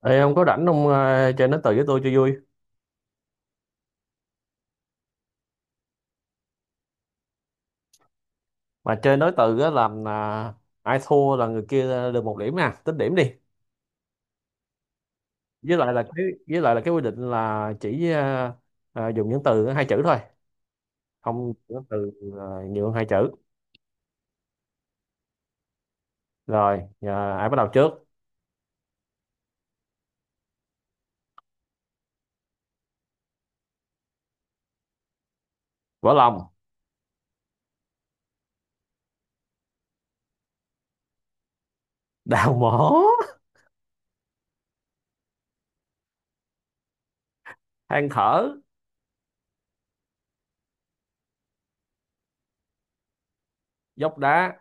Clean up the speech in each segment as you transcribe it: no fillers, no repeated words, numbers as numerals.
Ê, không có rảnh không chơi nói từ với tôi cho vui. Mà chơi nói từ á, làm ai thua là người kia được một điểm nha, tính điểm đi. Với lại là cái quy định là chỉ dùng những từ hai chữ thôi, không những từ nhiều hơn hai chữ. Rồi ai bắt đầu trước? Vỡ lòng. Đào mỏ. Than thở. Dốc đá.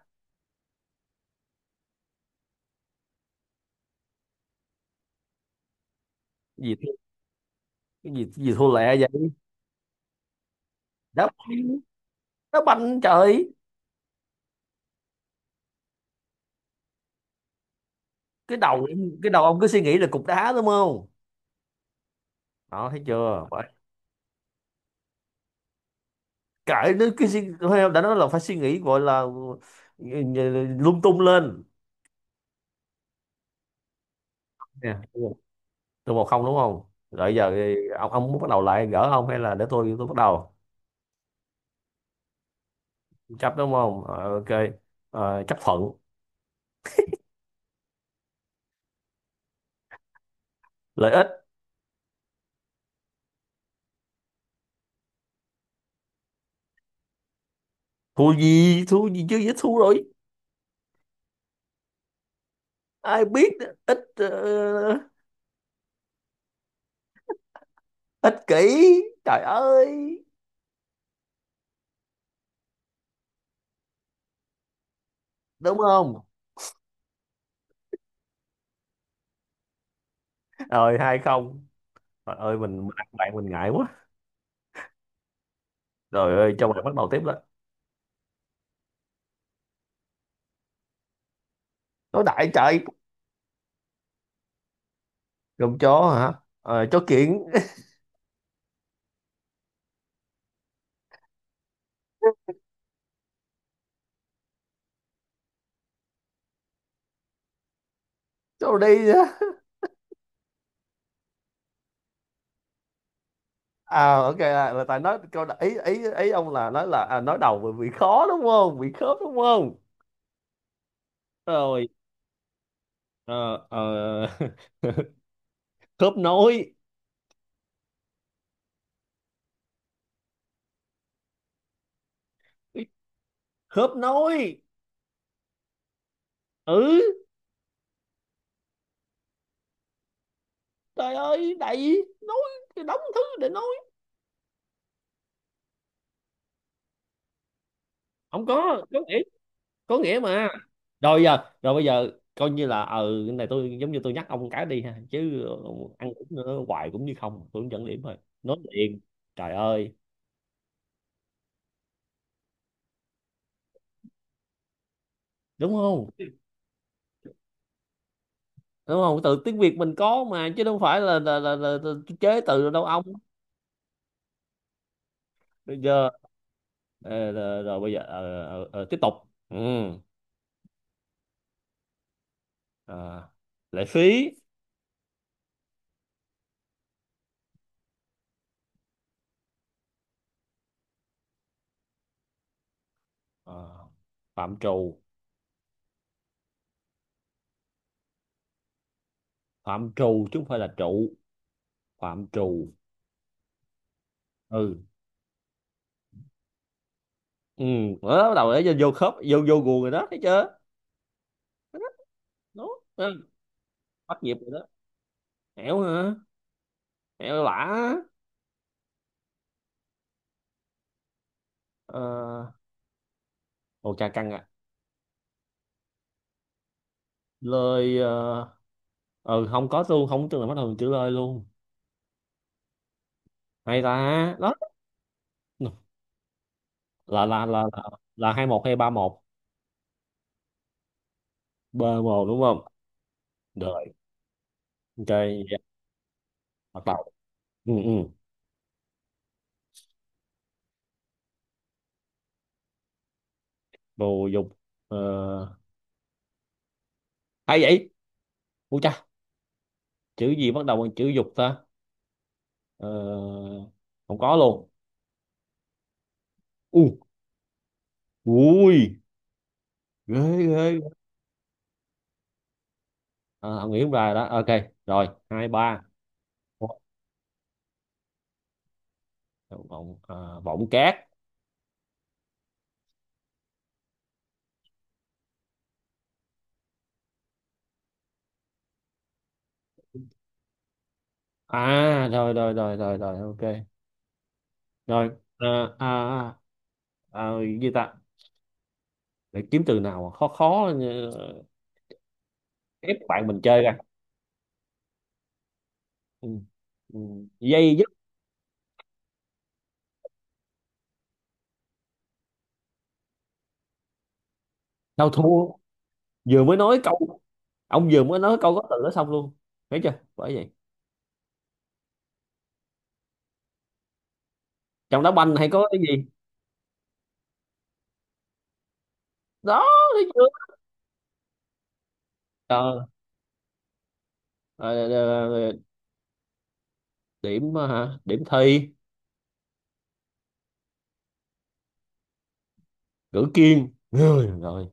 gì cái Gì thua lẹ vậy? Đá banh, đá banh trời! cái đầu cái đầu ông cứ suy nghĩ là cục đá, đúng không? Đó, thấy chưa? Thôi, đã nói là phải suy nghĩ gọi là ừ, lung tung lên. Nè, tôi 1-0, đúng không? Rồi giờ thì ông muốn bắt đầu lại gỡ không, hay là để tôi bắt đầu? Chấp, đúng không? Ờ, ok. Ờ, chấp thuận lợi ích. Thua gì, thua gì chứ, dễ thua rồi. Ai biết ít. uh, Ích kỷ trời ơi, đúng không? Rồi 2-0. Trời ơi, mình ăn bạn mình ngại quá. Rồi ơi, cho bạn bắt đầu tiếp đó. Nói đại trời. Con chó hả? Ờ, chó kiện. Câu đi á. Ok, là tại nói câu ý, ý ông là nói là nói đầu bị khó đúng không, bị khớp đúng không? Rồi ờ, ờ, khớp nối. Khớp nối. Ừ, trời ơi đầy nói cái đống thứ để nói. Không có nghĩa, có nghĩa mà. Rồi giờ rồi bây giờ coi như là ừ, cái này tôi giống như tôi nhắc ông cái đi ha, chứ ông ăn cũng nữa hoài cũng như không, tôi cũng dẫn điểm thôi, nói liền. Trời ơi, đúng không? Đúng không? Từ tiếng Việt mình có mà, chứ đâu phải là chế từ đâu ông. Bây giờ rồi, rồi bây giờ tiếp tục. Ừ. ờ, Lệ phí. ờ, Phạm trù. Phạm trù chứ không phải là trụ, phạm trù. Ừ. Ừ, đó, bắt đầu để vô khớp, vô vô guồng rồi đó, thấy chưa? Đúng. Ừ. Bắt nhịp rồi đó. Hẻo hả? Hẻo lả. Ờ, ồ chà căng à. Lời. Ờ ừ, không có luôn, không tưởng là bắt đầu từ chữ lời luôn. Hay ta đó. là là là là, là 2-1 hay 3-1? B một đúng không? Rồi, ok vậy bắt đầu. Ừ, ừ. Bồ dục. Ờ, hay vậy. U cha, chữ gì bắt đầu bằng chữ dục ta? Ờ, không có luôn. U. Ui. Ghê. Ghê. Không nghĩ không ra rồi đó, ok. Rồi 2-3. Vọng vọng cát. Rồi, rồi, rồi, rồi, rồi, ok rồi. à, à, à, à, Gì ta? Để kiếm từ nào mà khó khó ép bạn mình chơi ra. Ừ. Ừ. Dây dứt. Sao thua? Vừa mới nói câu, ông vừa mới nói câu có từ đó xong luôn. Thấy chưa, bởi vậy. Trong đá banh hay có cái gì đó, thấy chưa? ờ, ờ, ờ, ờ, ờ, Điểm hả, điểm thi. Cử kiên, rồi rồi.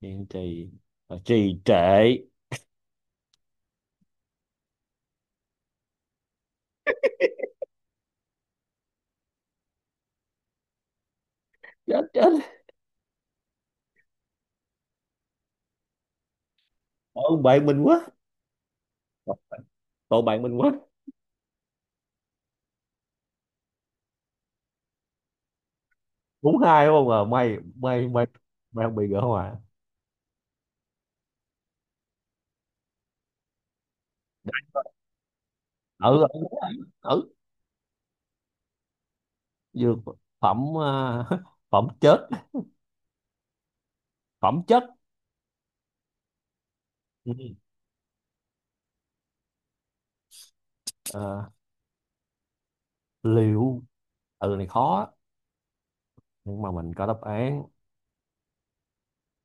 Kiên trì. Ờ, trì trệ. Chết chết. Tội bạn mình quá. Tội bạn mình quá. Đúng hai đúng không? À, may may may may không bị gỡ hòa. Ở ở, ở Dược phẩm. Phẩm chết, phẩm chất. Ừ. Ờ, liệu. Từ này khó á, nhưng mà mình có đáp án.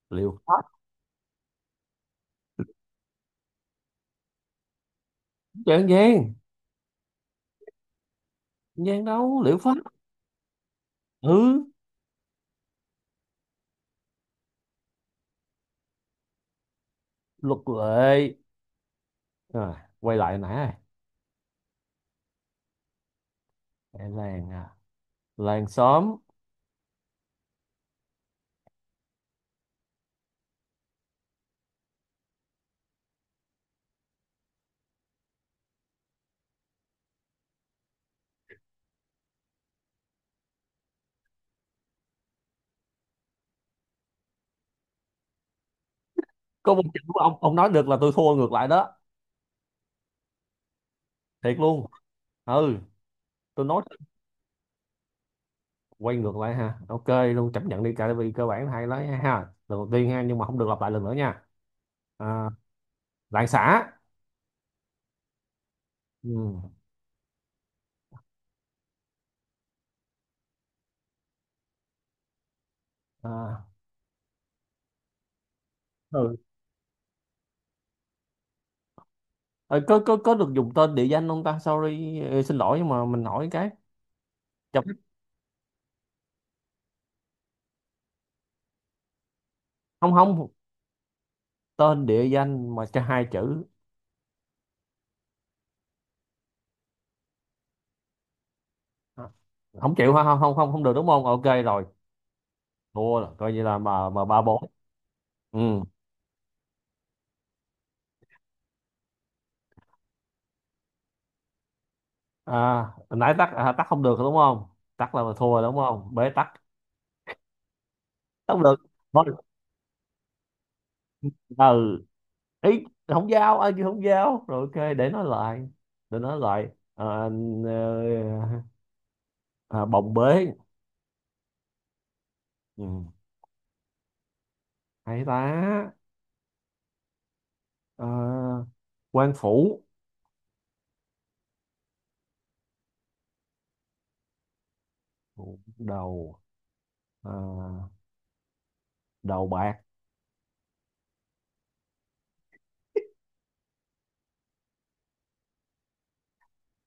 Liệu pháp. Chẳng gian, gian đâu. Liệu pháp. Ừ. Luật lệ. Quay lại nãy, An Giang à. Làng xóm. Có một chữ ông nói được là tôi thua ngược lại đó, thiệt luôn. Ừ, tôi nói quay ngược lại ha, ok luôn, chấp nhận đi. Tại vì cơ bản hay lắm ha, lần đầu tiên ha, nhưng mà không được lặp lại lần nữa nha. à, Làng xã. Ừ. À, ừ. Ờ, có có được dùng tên địa danh không ta? Sorry, xin lỗi, nhưng mà mình hỏi cái. Chụp. Không, không tên địa danh mà cho hai chữ. À, không chịu hả? Không, không, không, không được đúng không? Ok rồi, thua rồi coi như là mà 3-4. Ừ. À, hồi nãy tắt tắt không được đúng không? Tắt là mà thua đúng không? Bế tắc, tắt không được. Thôi. Ừ, ý, không giao, ai kêu không giao rồi. Ok, để nói lại à, bồng bế. Ừ, hay ta. Ờ, quan phủ đầu. ờ, Đầu bạc.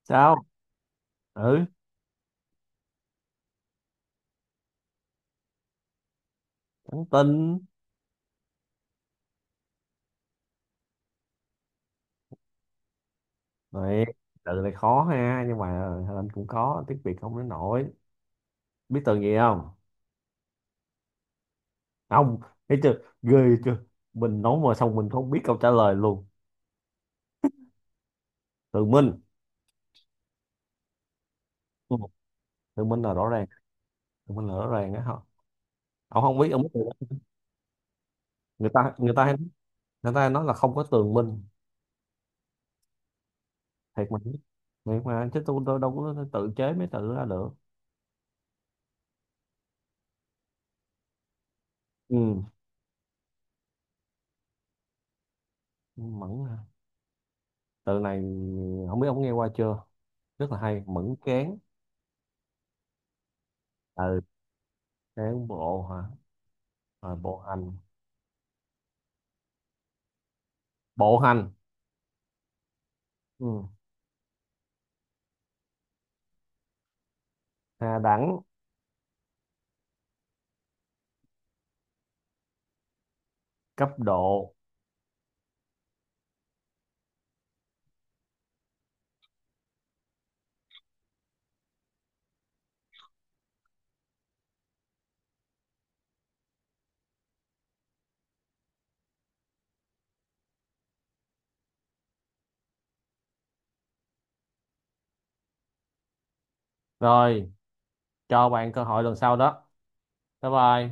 Sao? Ừ, trắng tinh. Này, từ này khó ha, nhưng mà anh cũng có tiếng Việt không đến nổi. Biết từ gì không? Không. Thấy chưa? Ghê chưa? Mình nói mà xong mình không biết câu trả lời luôn. Từ Minh. Ừ. Từ Minh là rõ ràng. Từ Minh là rõ ràng á hả? Ông không biết, ông biết từ đó. Người ta hay, người ta hay nói là không có tường Minh. Thiệt mà, thiệt mà, chứ tôi đâu có tự chế mấy từ ra được. Ừ. Mẫn hả? Tựa này không biết ông nghe qua chưa? Rất là hay, Mẫn Cán. Ừ, cán bộ hả? Rồi bộ hành. Bộ hành. Ừ, hạ đẳng, cấp độ. Rồi, cho bạn cơ hội lần sau đó. Bye bye.